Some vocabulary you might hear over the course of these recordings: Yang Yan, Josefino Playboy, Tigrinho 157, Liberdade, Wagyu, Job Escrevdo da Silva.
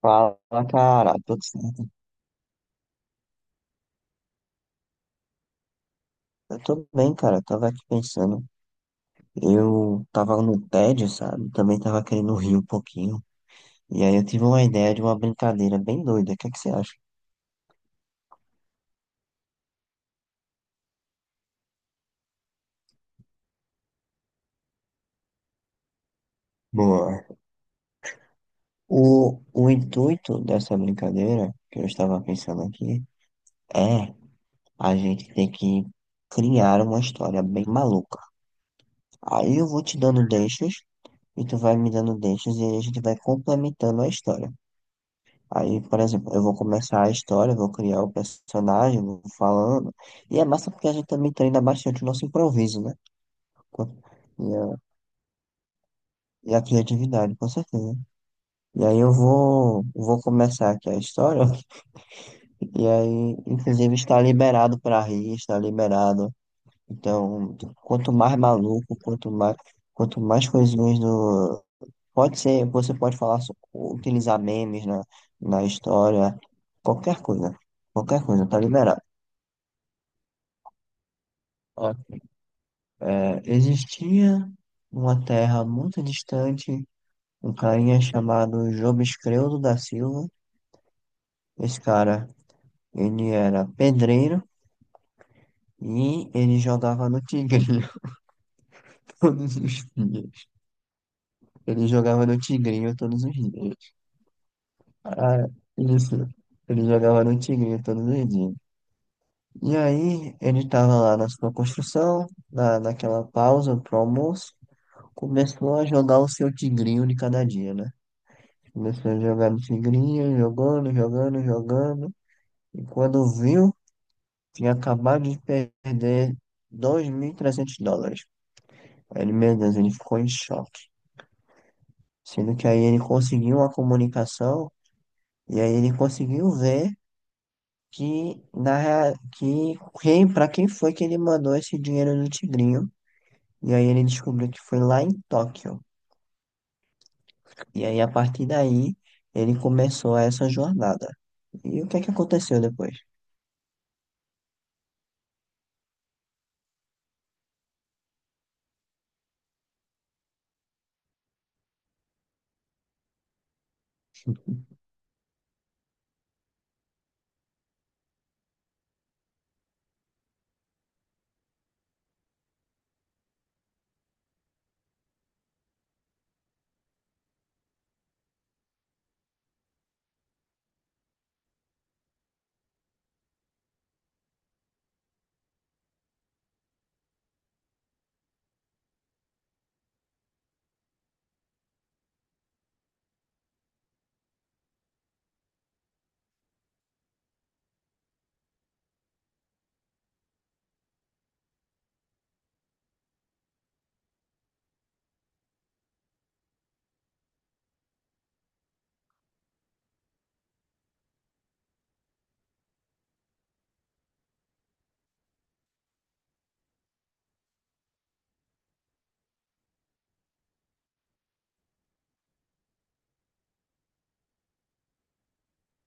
Fala, cara, tudo certo? Eu tô bem, cara. Eu tava aqui pensando. Eu tava no tédio, sabe? Também tava querendo rir um pouquinho. E aí eu tive uma ideia de uma brincadeira bem doida. O que é que você acha? Boa. O intuito dessa brincadeira, que eu estava pensando aqui, é a gente ter que criar uma história bem maluca. Aí eu vou te dando deixas, e tu vai me dando deixas, e aí a gente vai complementando a história. Aí, por exemplo, eu vou começar a história, vou criar o personagem, vou falando. E é massa porque a gente também treina bastante o nosso improviso, né? Co- E a, e a criatividade, com certeza. E aí eu vou começar aqui a história. E aí, inclusive, está liberado para rir, está liberado. Então, quanto mais maluco, quanto mais coisinhas do. Pode ser, você pode falar, utilizar memes na história, qualquer coisa. Qualquer coisa, tá liberado. Ó, é, existia numa terra muito distante um carinha chamado Job Escrevdo da Silva. Esse cara, ele era pedreiro e ele jogava no tigrinho todos os dias. Ele jogava no tigrinho todos os dias. Ah, isso. Ele jogava no tigrinho todos os dias. E aí, ele estava lá na sua construção, naquela pausa pro almoço, começou a jogar o seu tigrinho de cada dia, né? Começou a jogar tigrinha, jogando, jogando, jogando. E quando viu, tinha acabado de perder US$ 2.300. Aí ele, meu Deus, ele ficou em choque. Sendo que aí ele conseguiu uma comunicação e aí ele conseguiu ver que, na, rea- que quem, para quem foi que ele mandou esse dinheiro do tigrinho. E aí ele descobriu que foi lá em Tóquio. E aí, a partir daí, ele começou essa jornada. E o que é que aconteceu depois?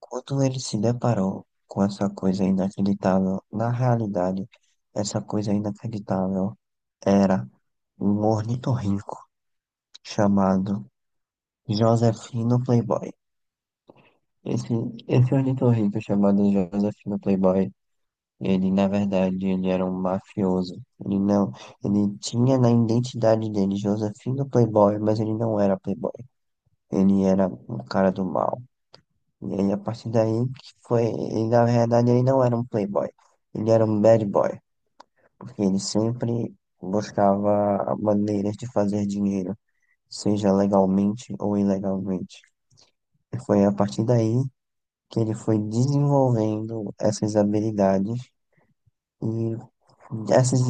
Quando ele se deparou com essa coisa inacreditável, na realidade, essa coisa inacreditável era um ornitorrinco chamado Josefino Playboy. Esse, esse ornitorrinco chamado Josefino Playboy, ele na verdade ele era um mafioso. Ele não, ele tinha na identidade dele Josefino Playboy, mas ele não era Playboy. Ele era um cara do mal. E aí, a partir daí, que foi. E na verdade, ele não era um playboy. Ele era um bad boy. Porque ele sempre buscava maneiras de fazer dinheiro, seja legalmente ou ilegalmente. E foi a partir daí que ele foi desenvolvendo essas habilidades. E essas,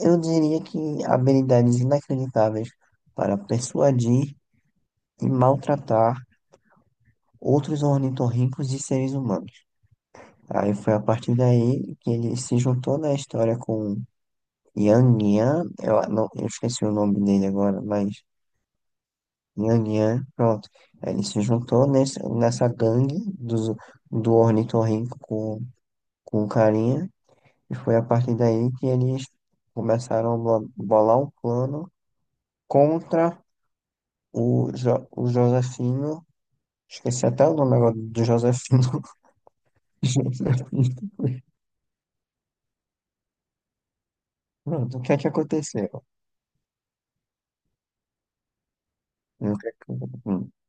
eu diria que habilidades inacreditáveis para persuadir e maltratar outros ornitorrincos e seres humanos. Aí foi a partir daí que ele se juntou na história com Yang Yan, eu, não, eu esqueci o nome dele agora, mas Yang Yan, pronto. Aí ele se juntou nessa gangue do ornitorrinco com o carinha, e foi a partir daí que eles começaram a bolar um plano contra o Josefino, esqueci até o nome agora do Josefino. Josefino. Pronto, o que é que aconteceu? O que é que-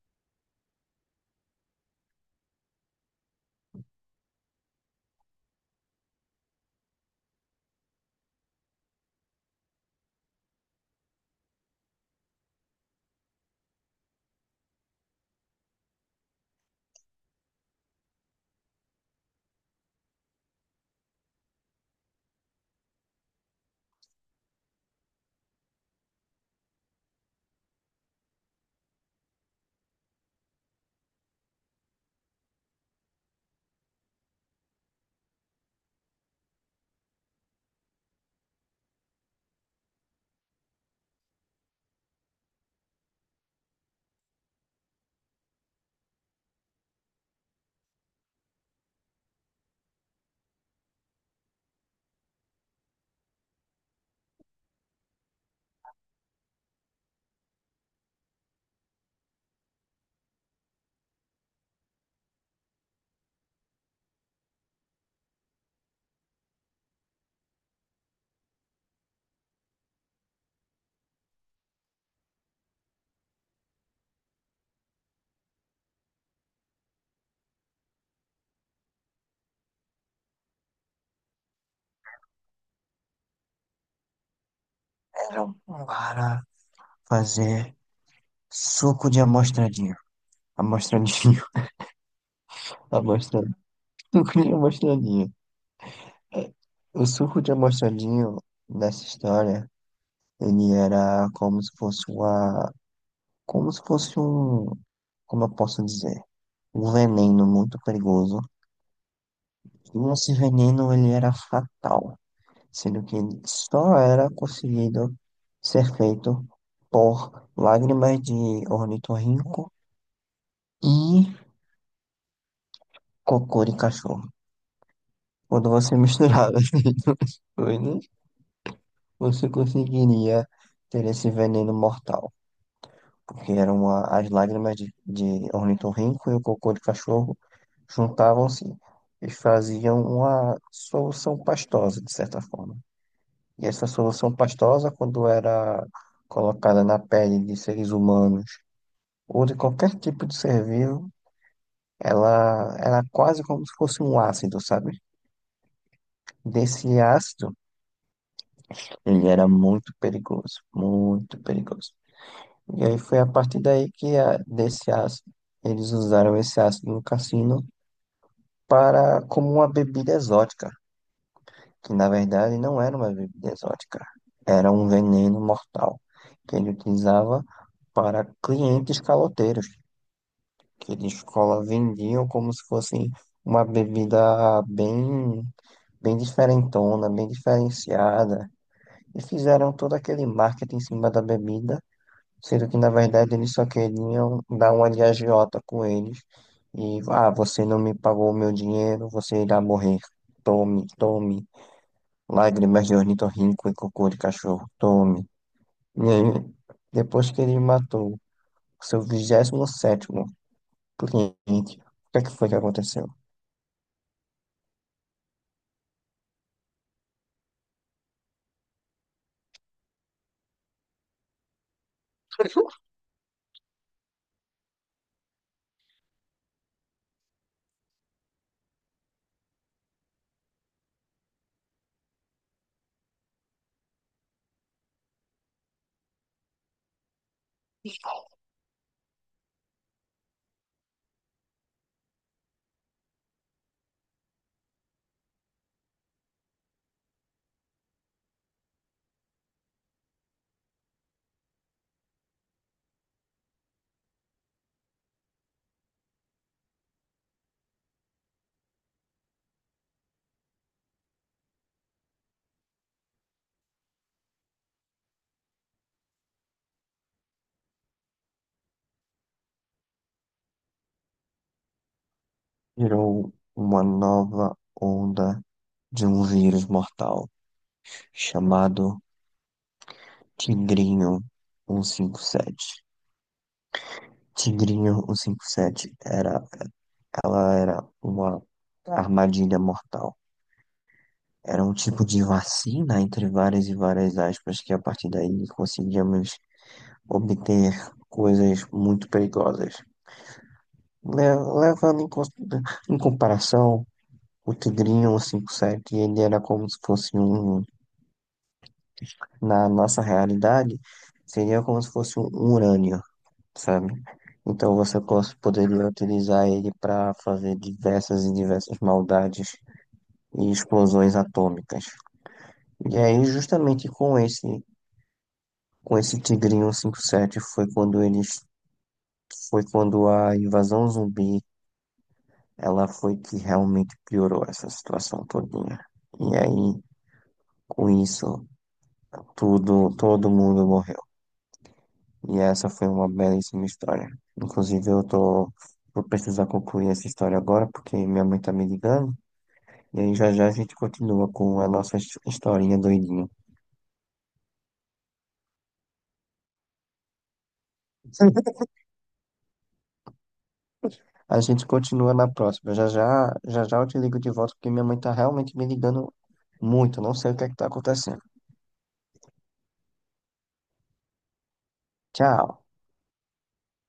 Cara, para fazer suco de amostradinho. Amostradinho, amostradinho. Suco de amostradinho. É, o suco de amostradinho nessa história, ele era como se fosse uma. Como se fosse um. Como eu posso dizer? Um veneno muito perigoso. E esse veneno, ele era fatal. Sendo que ele só era conseguido ser feito por lágrimas de ornitorrinco e cocô de cachorro. Quando você misturava, as duas coisas, você conseguiria ter esse veneno mortal. Porque eram as lágrimas de ornitorrinco e o cocô de cachorro juntavam-se e faziam uma solução pastosa, de certa forma. E essa solução pastosa, quando era colocada na pele de seres humanos ou de qualquer tipo de ser vivo, ela era quase como se fosse um ácido, sabe? Desse ácido ele era muito perigoso, muito perigoso. E aí foi a partir daí que desse ácido, eles usaram esse ácido no cassino para como uma bebida exótica, que na verdade não era uma bebida exótica, era um veneno mortal que ele utilizava para clientes caloteiros, que de escola vendiam como se fosse uma bebida bem, bem diferentona, bem diferenciada, e fizeram todo aquele marketing em cima da bebida. Sendo que, na verdade, eles só queriam dar uma de agiota com eles. E, ah, você não me pagou o meu dinheiro, você irá morrer. Tome, tome. Lágrimas de ornitorrinco e cocô de cachorro. Tome. E aí, depois que ele matou seu 27º cliente, o que é que foi que aconteceu? Virou uma nova onda de um vírus mortal chamado Tigrinho 157. Tigrinho cento e cinquenta e sete era. Ela era uma armadilha mortal. Era um tipo de vacina, entre várias e várias aspas, que a partir daí conseguíamos obter coisas muito perigosas. Le- Levando em, em comparação, o Tigrinho 57 ele era como se fosse um, na nossa realidade, seria como se fosse um urânio, sabe? Então você poderia utilizar ele para fazer diversas e diversas maldades e explosões atômicas. E aí, justamente com esse Tigrinho 57, foi quando eles, foi quando a invasão zumbi, ela foi que realmente piorou essa situação todinha. E aí, com isso, tudo, todo mundo morreu. E essa foi uma belíssima história. Inclusive, eu tô, vou precisar concluir essa história agora, porque minha mãe tá me ligando. E aí, já já a gente continua com a nossa historinha doidinha. A gente continua na próxima. Já já, já já eu te ligo de volta porque minha mãe tá realmente me ligando muito. Não sei o que é que tá acontecendo. Tchau.